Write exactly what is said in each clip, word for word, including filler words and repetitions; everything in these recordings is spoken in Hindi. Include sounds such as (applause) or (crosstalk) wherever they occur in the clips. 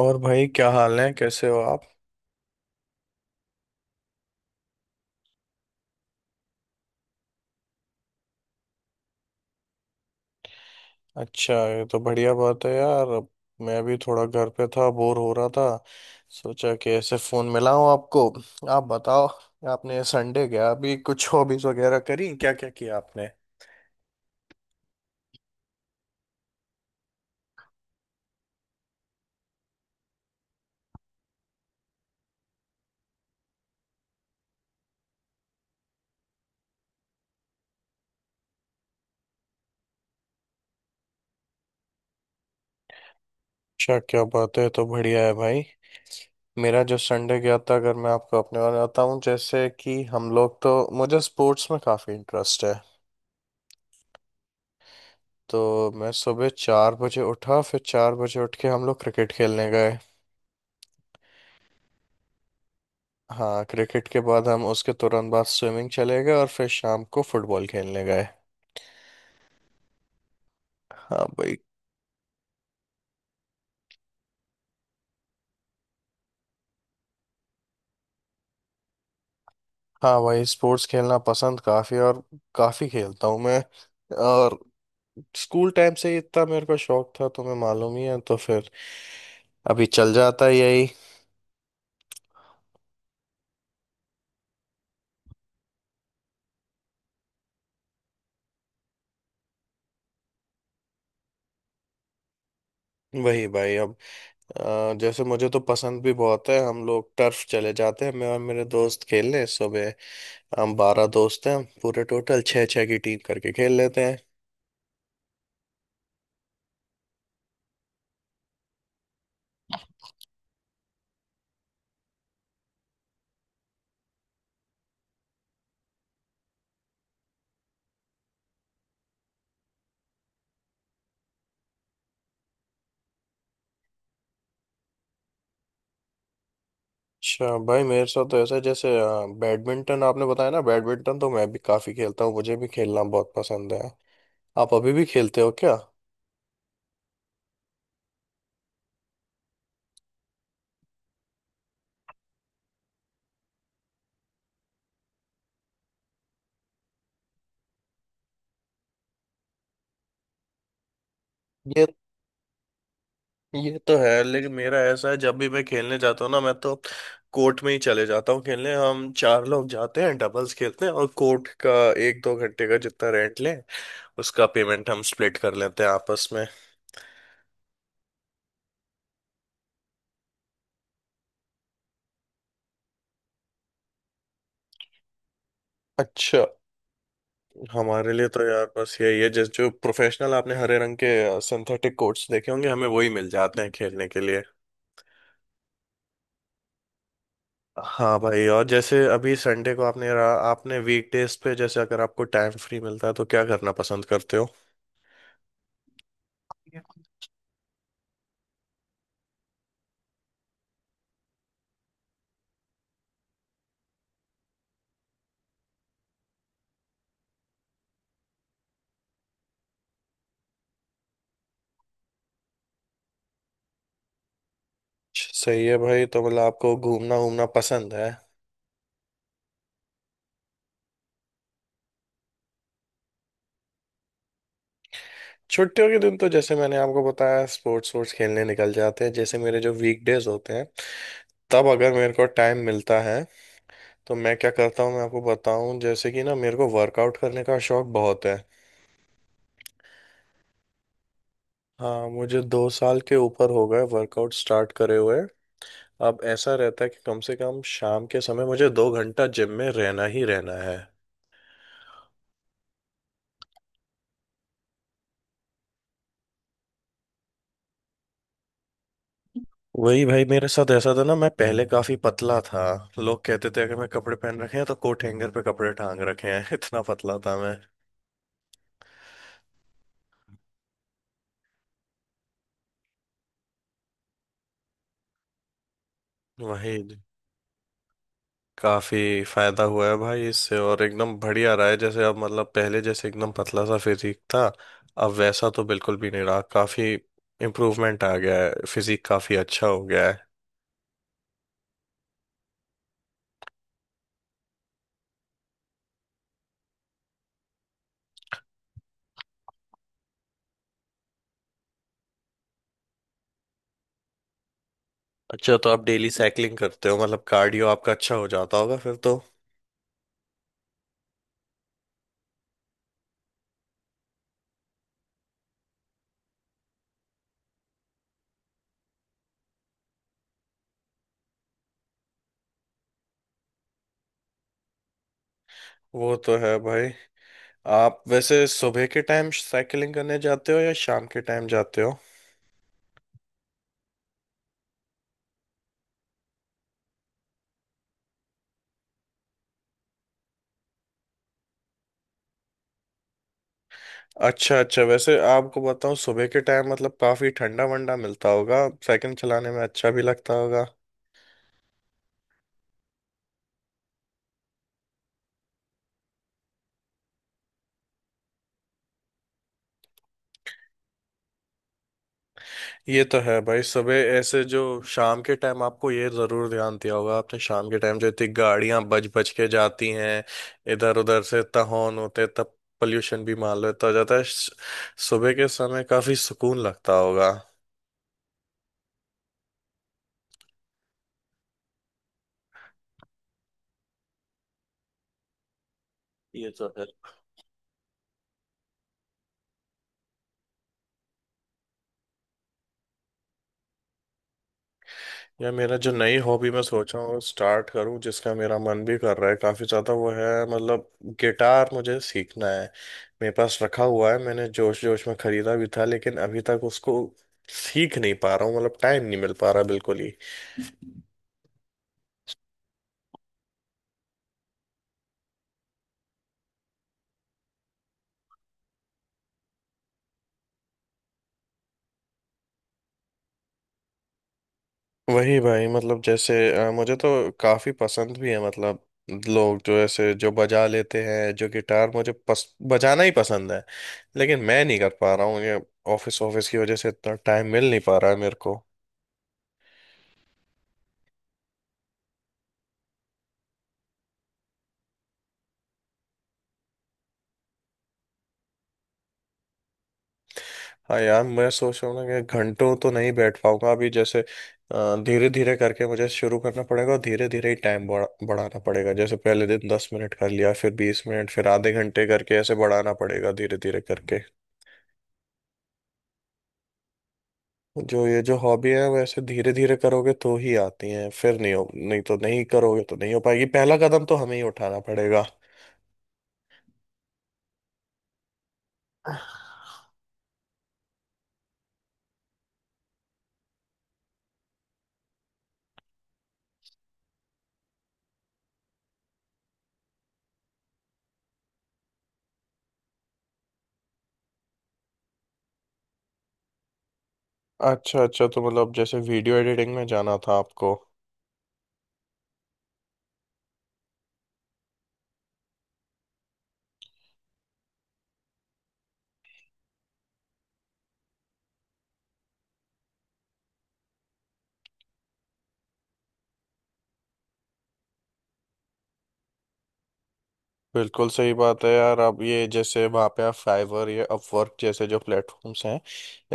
और भाई क्या हाल है, कैसे हो आप। अच्छा, ये तो बढ़िया बात है यार। अब मैं भी थोड़ा घर पे था, बोर हो रहा था। सोचा कि ऐसे फोन मिलाऊं आपको। आप बताओ, आपने संडे गया अभी, कुछ हॉबीज वगैरह करी, क्या क्या किया आपने। अच्छा, क्या बात है, तो बढ़िया है भाई। मेरा जो संडे गया था, अगर मैं आपको अपने बारे में बताऊं, जैसे कि हम लोग, तो मुझे स्पोर्ट्स में काफ़ी इंटरेस्ट है। तो मैं सुबह चार बजे उठा, फिर चार बजे उठ के हम लोग क्रिकेट खेलने गए। हाँ, क्रिकेट के बाद हम उसके तुरंत बाद स्विमिंग चले गए और फिर शाम को फुटबॉल खेलने गए। हाँ भाई। हाँ भाई, स्पोर्ट्स खेलना पसंद काफ़ी, और काफ़ी खेलता हूँ मैं। और स्कूल टाइम से ही इतना मेरे को शौक था, तुम्हें मालूम ही है, तो फिर अभी चल जाता है यही। वही भाई, अब अ, जैसे मुझे तो पसंद भी बहुत है। हम लोग टर्फ चले जाते हैं, मैं और मेरे दोस्त खेलने सुबह। हम बारह दोस्त हैं, पूरे टोटल छः छः की टीम करके खेल लेते हैं। अच्छा भाई, मेरे साथ तो ऐसा है, जैसे अ, बैडमिंटन आपने बताया ना, बैडमिंटन तो मैं भी काफी खेलता हूँ, मुझे भी खेलना बहुत पसंद है। आप अभी भी खेलते हो क्या। ये ये तो है, लेकिन मेरा ऐसा है, जब भी मैं खेलने जाता हूँ ना, मैं तो कोर्ट में ही चले जाता हूँ खेलने। हम चार लोग जाते हैं, डबल्स खेलते हैं, और कोर्ट का एक दो घंटे का जितना रेंट लें, उसका पेमेंट हम स्प्लिट कर लेते हैं आपस में। अच्छा। हमारे लिए तो यार बस यही है, जैसे जो प्रोफेशनल आपने हरे रंग के सिंथेटिक कोर्ट्स देखे होंगे, हमें वही मिल जाते हैं खेलने के लिए। हाँ भाई। और जैसे अभी संडे को आपने रहा, आपने वीकडेज पे जैसे, अगर आपको टाइम फ्री मिलता है, तो क्या करना पसंद करते हो। सही है भाई, तो मतलब आपको घूमना घूमना पसंद है। छुट्टियों के दिन तो जैसे मैंने आपको बताया, स्पोर्ट्स वोर्ट्स खेलने निकल जाते हैं। जैसे मेरे जो वीकडेज होते हैं, तब अगर मेरे को टाइम मिलता है, तो मैं क्या करता हूँ, मैं आपको बताऊँ, जैसे कि ना, मेरे को वर्कआउट करने का शौक बहुत है। हाँ, मुझे दो साल के ऊपर हो गए वर्कआउट स्टार्ट करे हुए। अब ऐसा रहता है कि कम से कम शाम के समय मुझे दो घंटा जिम में रहना ही रहना है। वही भाई, मेरे साथ ऐसा था ना, मैं पहले काफी पतला था। लोग कहते थे, अगर मैं कपड़े पहन रखे हैं, तो कोट हैंगर पे कपड़े टांग रखे हैं (laughs) इतना पतला था मैं। वही। काफी फायदा हुआ है भाई इससे, और एकदम बढ़िया रहा है। जैसे अब मतलब, पहले जैसे एकदम पतला सा फिजिक था, अब वैसा तो बिल्कुल भी नहीं रहा। काफी इम्प्रूवमेंट आ गया है, फिजिक काफी अच्छा हो गया है। अच्छा, तो आप डेली साइकिलिंग करते हो, मतलब कार्डियो आपका अच्छा हो जाता होगा फिर तो। वो तो है भाई। आप वैसे सुबह के टाइम साइकिलिंग करने जाते हो या शाम के टाइम जाते हो। अच्छा अच्छा, वैसे आपको बताऊं, सुबह के टाइम मतलब काफी ठंडा वंडा मिलता होगा, साइकिल चलाने में अच्छा भी लगता होगा। ये तो है भाई, सुबह ऐसे जो, शाम के टाइम आपको ये जरूर ध्यान दिया होगा आपने, शाम के टाइम जो इतनी गाड़ियां बज बज के जाती हैं, इधर उधर से इतना हॉर्न होते तब पोल्यूशन भी मान लो इतना हो जाता है, स- सुबह के समय काफी सुकून लगता होगा। ये तो है। या मेरा जो नई हॉबी मैं सोचा हूँ स्टार्ट करूँ, जिसका मेरा मन भी कर रहा है काफ़ी ज़्यादा, वो है मतलब गिटार मुझे सीखना है। मेरे पास रखा हुआ है, मैंने जोश जोश में खरीदा भी था, लेकिन अभी तक उसको सीख नहीं पा रहा हूँ, मतलब टाइम नहीं मिल पा रहा बिल्कुल ही। वही भाई, मतलब जैसे अ, मुझे तो काफी पसंद भी है। मतलब लोग जो ऐसे जो बजा लेते हैं जो गिटार, मुझे पस, बजाना ही पसंद है, लेकिन मैं नहीं कर पा रहा हूँ ये। ऑफिस ऑफिस की वजह से इतना टाइम मिल नहीं पा रहा है मेरे को। हाँ यार, मैं सोच रहा हूँ ना कि घंटों तो नहीं बैठ पाऊंगा अभी। जैसे धीरे धीरे करके मुझे शुरू करना पड़ेगा, और धीरे धीरे ही टाइम बढ़ा बढ़ाना पड़ेगा। जैसे पहले दिन दस मिनट कर लिया, फिर बीस मिनट, फिर आधे घंटे, करके ऐसे बढ़ाना पड़ेगा धीरे धीरे करके। जो ये जो हॉबी है, वो ऐसे धीरे धीरे करोगे तो ही आती है, फिर नहीं हो, नहीं तो नहीं करोगे तो नहीं हो पाएगी, पहला कदम तो हमें ही उठाना पड़ेगा। अच्छा अच्छा, तो मतलब जैसे वीडियो एडिटिंग में जाना था आपको। बिल्कुल सही बात है यार। अब ये जैसे वहाँ पे आप फाइवर या अपवर्क जैसे जो प्लेटफॉर्म्स हैं,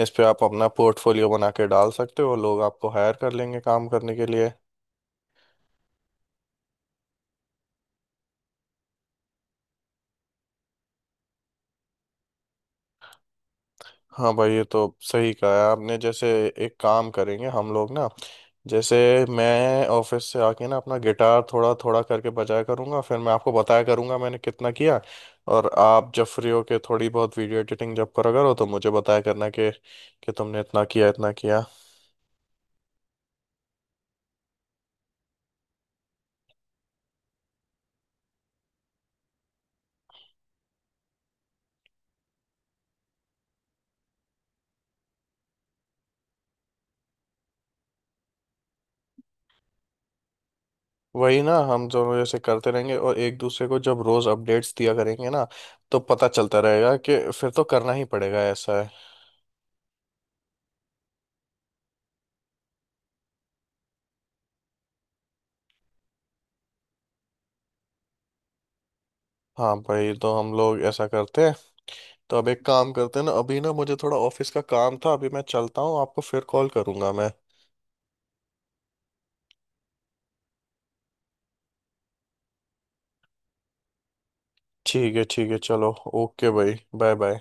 इस पे आप अपना पोर्टफोलियो बना के डाल सकते हो, लोग आपको हायर कर लेंगे काम करने के लिए। हाँ भाई, ये तो सही कहा है आपने। जैसे एक काम करेंगे हम लोग ना, जैसे मैं ऑफिस से आके ना अपना गिटार थोड़ा थोड़ा करके बजाया करूँगा, फिर मैं आपको बताया करूँगा मैंने कितना किया। और आप जब फ्री हो के थोड़ी बहुत वीडियो एडिटिंग जब करा करो, तो मुझे बताया करना कि कि तुमने इतना किया इतना किया। वही ना, हम दोनों जैसे करते रहेंगे और एक दूसरे को जब रोज अपडेट्स दिया करेंगे ना, तो पता चलता रहेगा कि फिर तो करना ही पड़ेगा, ऐसा है। हाँ भाई, तो हम लोग ऐसा करते हैं। तो अब एक काम करते हैं ना, अभी ना मुझे थोड़ा ऑफिस का काम था, अभी मैं चलता हूँ, आपको फिर कॉल करूंगा मैं। ठीक है ठीक है, चलो। ओके भाई। Bye bye.